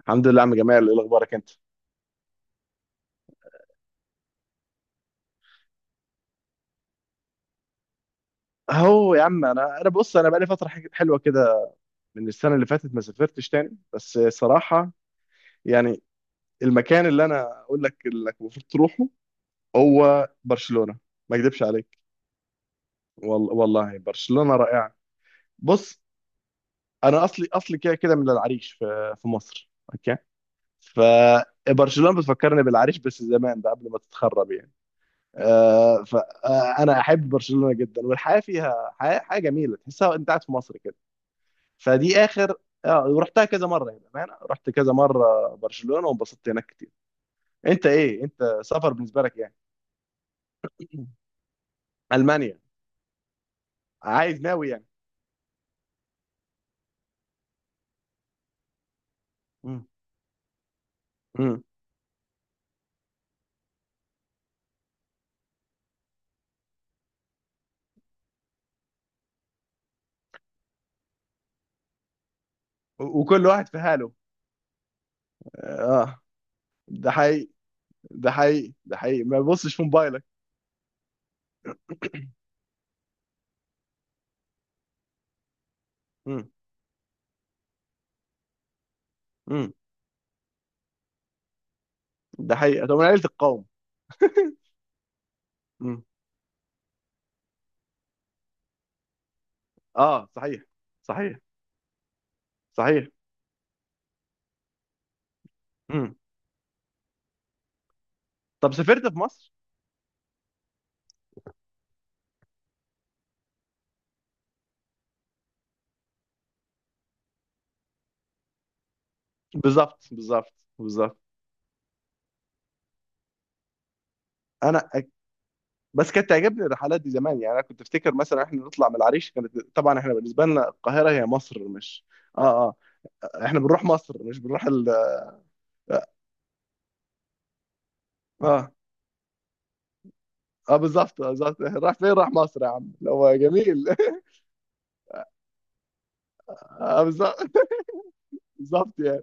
الحمد لله يا عم جمال، ايه اخبارك انت؟ اهو يا عم، انا بص انا بقالي فتره حلوه كده. من السنه اللي فاتت ما سافرتش تاني، بس صراحه يعني المكان اللي انا اقول لك انك المفروض تروحه هو برشلونه. ما اكذبش عليك، والله برشلونه رائعه. بص، انا اصلي كده كده من العريش، في مصر، اوكي؟ فبرشلونه بتفكرني بالعريش، بس زمان بقى قبل ما تتخرب يعني. آه، فانا احب برشلونه جدا، والحياه فيها حياه جميله، تحسها انت قاعد في مصر كده. فدي اخر. اه، ورحتها كذا مره، يعني بامانه رحت كذا مره برشلونه، وانبسطت هناك كتير. انت ايه؟ انت سفر بالنسبه لك يعني؟ المانيا؟ عايز، ناوي يعني؟ مم. مم. وكل واحد في حاله. اه، ده حقيقي، ده حقيقي. ما بصش في موبايلك. مم. مم. ده حقيقي. طب من عيله القوم. مم. اه صحيح. صحيح. صحيح. مم. طب سافرت في مصر؟ بالظبط، بالظبط، بالظبط. انا بس كانت تعجبني الرحلات دي زمان، يعني انا كنت افتكر مثلا احنا نطلع من العريش. كانت طبعا احنا بالنسبه لنا القاهره هي مصر، مش، اه اه، احنا بنروح مصر، مش بنروح ال... اه اه. آه، بالظبط، آه، بالظبط. راح فين؟ راح مصر يا عم، اللي هو جميل. اه، بالظبط. بالظبط يعني.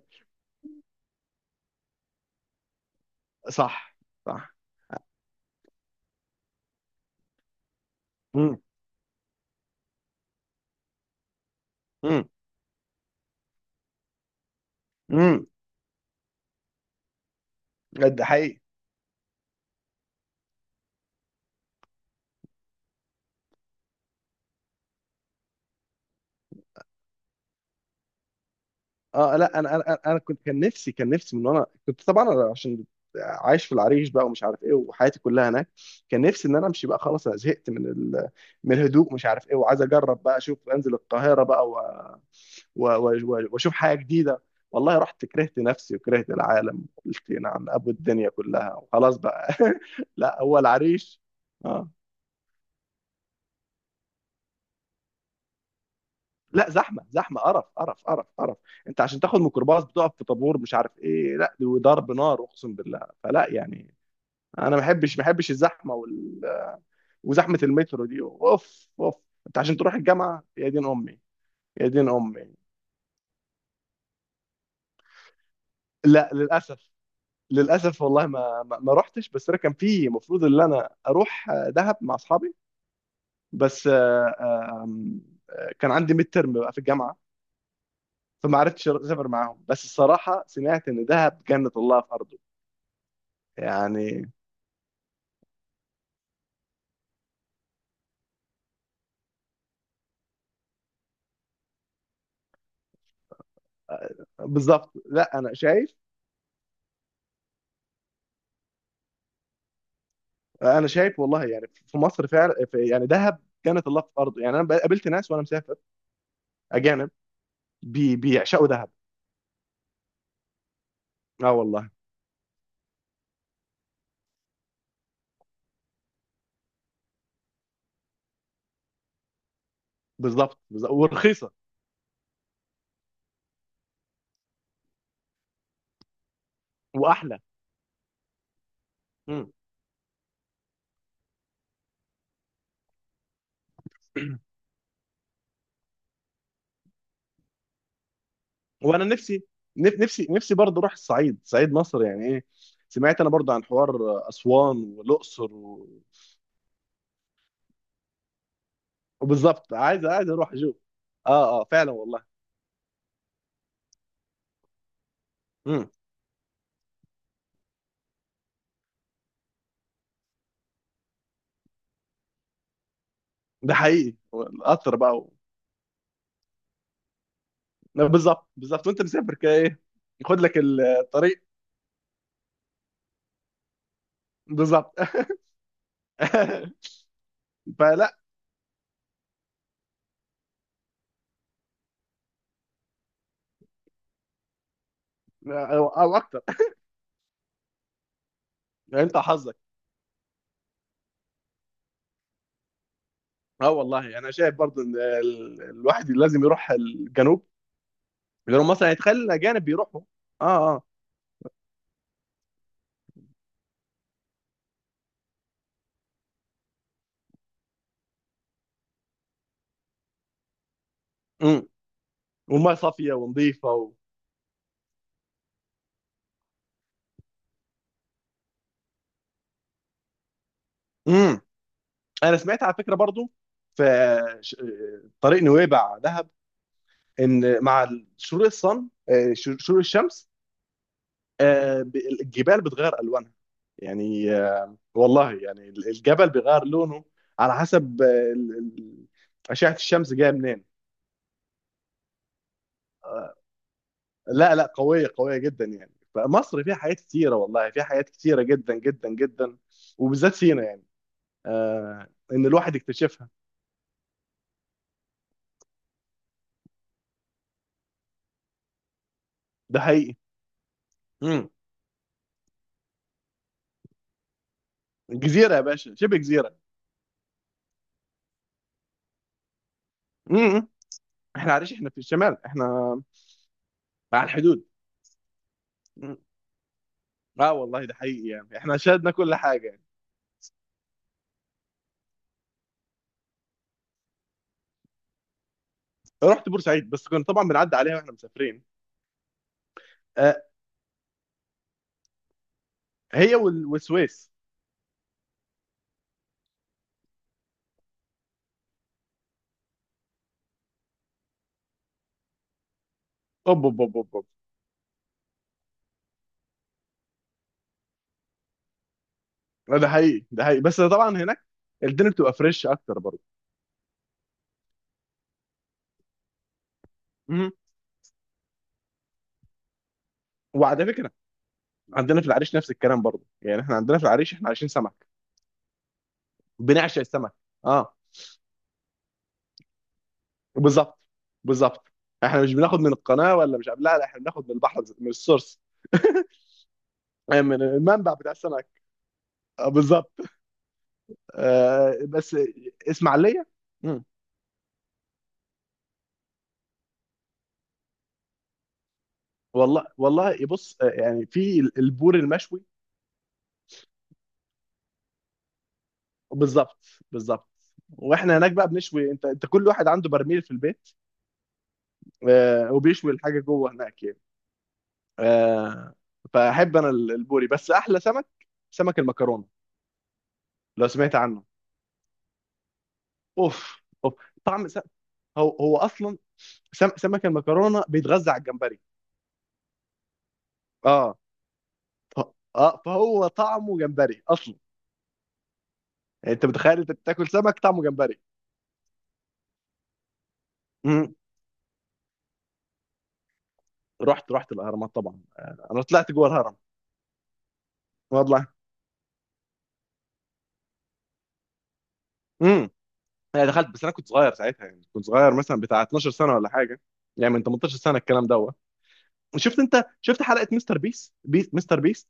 صح. صح. امم. امم. امم. ده حقيقي. اه لا، انا انا كنت، كان نفسي، من وانا كنت طبعا، أنا عشان عايش في العريش بقى، ومش عارف ايه، وحياتي كلها هناك، كان نفسي ان انا امشي بقى. خلاص، انا زهقت من ال... من الهدوء مش عارف ايه، وعايز اجرب بقى، اشوف انزل القاهره بقى و... و... و... واشوف حاجه جديده. والله رحت، كرهت نفسي وكرهت العالم، قلت نعم ابو الدنيا كلها وخلاص بقى. لا هو العريش. اه. لا، زحمه، زحمه، قرف، قرف، قرف، قرف. انت عشان تاخد ميكروباص بتقف في طابور، مش عارف ايه، لا وضرب نار، اقسم بالله. فلا يعني، انا ما بحبش الزحمه وال... وزحمه المترو دي، اوف، اوف. انت عشان تروح الجامعه يا دين امي، يا دين امي. لا للاسف. للاسف والله، ما رحتش. بس انا كان في المفروض ان انا اروح دهب مع اصحابي، بس آه، آه، آم، آه، كان عندي ميد ترم بقى في الجامعه، فما عرفتش اسافر معاهم. بس الصراحه سمعت ان دهب جنه الله في ارضه يعني. بالظبط. لا انا شايف انا شايف والله يعني في مصر فعلا، في يعني دهب كانت الله في ارضه يعني. انا قابلت ناس وانا مسافر، اجانب، بيعشقوا دهب. اه والله. بالظبط، بالظبط. ورخيصه. واحلى. مم. وانا نفسي، نفسي، برضه اروح الصعيد، صعيد مصر، يعني ايه. سمعت انا برضه عن حوار اسوان والاقصر و... وبالظبط، عايز، اروح اشوف. اه اه، فعلا والله. مم. ده حقيقي، القطر بقى و... بالظبط، بالظبط، وانت مسافر كده ايه. خد لك الطريق. بالظبط. فلا. او أو اكتر يعني. انت حظك. اه والله، انا شايف برضو ان الواحد لازم يروح الجنوب، لانه مثلا يتخيل الاجانب بيروحوا. اه اه. امم. والميه صافيه ونظيفه و... امم. انا سمعت على فكره برضو في ش- طريق نويبع دهب، ان مع شروق شروق الشمس، آه، ب- الجبال بتغير الوانها، يعني آه، والله يعني الجبل بيغير لونه على حسب ال- ال- اشعه الشمس جايه منين. لا لا، قوية، قوية جدا يعني. فمصر فيها حاجات كتيرة، والله فيها حاجات كتيرة جدا جدا جدا، وبالذات سينا يعني. آه، إن الواحد يكتشفها. ده حقيقي. امم. جزيرة يا باشا، شبه جزيرة. امم. احنا عارفين، احنا في الشمال، احنا على الحدود. مم. اه والله ده حقيقي يعني، احنا شاهدنا كل حاجة يعني. رحت بورسعيد، بس كنا طبعا بنعدي عليها واحنا مسافرين. آه هي والسويس. اوب، اوب، اوب، اوب. أوب. ده حقيقي، ده حقيقي، بس طبعا هناك الدنيا بتبقى فريش اكتر برضه. مم. وعلى فكرة عندنا في العريش نفس الكلام برضه، يعني احنا عندنا في العريش احنا عايشين سمك، بنعشق السمك. اه. بالظبط. بالظبط. احنا مش بناخد من القناه، ولا مش، لا لا، احنا بناخد من البحر، من السورس. من المنبع بتاع السمك. آه بالظبط. آه بس اسماعيليه. مم. والله، بص، آه، يعني في البور المشوي. بالظبط، بالظبط. واحنا هناك بقى بنشوي، انت كل واحد عنده برميل في البيت، آه، وبيشوي الحاجه جوه هناك يعني. آه، فاحب انا البوري، بس احلى سمك سمك المكرونه، لو سمعت عنه. اوف، اوف. طعم سمك. هو اصلا سمك المكرونه بيتغذى على الجمبري. اه، ف... اه، فهو طعمه جمبري اصلا. يعني انت متخيل انت بتاكل سمك طعمه جمبري. مم. رحت الاهرامات طبعا، آه، انا طلعت جوه الهرم، والله. امم. انا دخلت، بس انا كنت صغير ساعتها، يعني كنت صغير مثلا بتاع 12 سنه ولا حاجه، يعني من 18 سنه الكلام دوت. شفت انت، شفت حلقه مستر بيس بيس مستر بيس،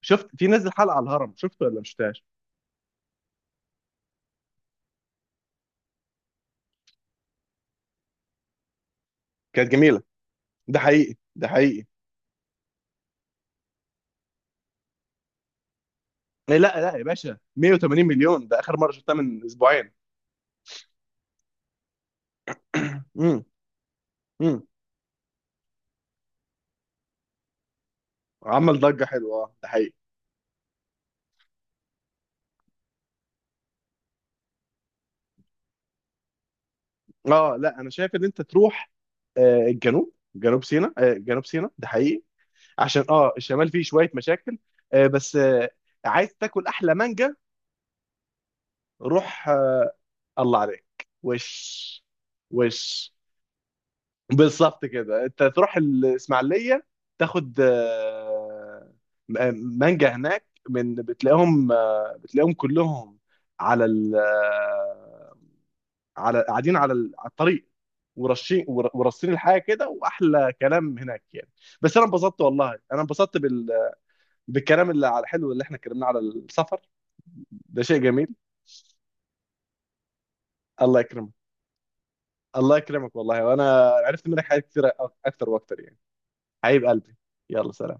شفت، في نزل حلقه على الهرم، شفته ولا مش شفتهاش؟ كانت جميله. ده حقيقي، ده حقيقي. إيه، لا لا يا باشا، 180 مليون، ده اخر مره شفتها من اسبوعين. امم. امم. عمل ضجه حلوه، اه، ده حقيقي. اه لا، انا شايف ان انت تروح آه، الجنوب، جنوب سيناء، آه، جنوب سيناء، ده حقيقي، عشان اه الشمال فيه شويه مشاكل. آه، بس آه، عايز تاكل احلى مانجا؟ روح، آه، الله عليك. وش، وش، بالظبط كده، انت تروح الاسماعيليه، تاخد آه، مانجا هناك، من بتلاقيهم، آه، بتلاقيهم كلهم على ال، آه، قاعدين على على الطريق، ورشين، ورصين الحاجه كده، واحلى كلام هناك يعني. بس انا انبسطت، والله انا انبسطت بال... بالكلام اللي على الحلو اللي احنا اتكلمناه على السفر. ده شيء جميل. الله يكرمك، الله يكرمك والله، وانا عرفت منك حاجات كتير، اكتر واكتر يعني. حبيب قلبي، يلا سلام.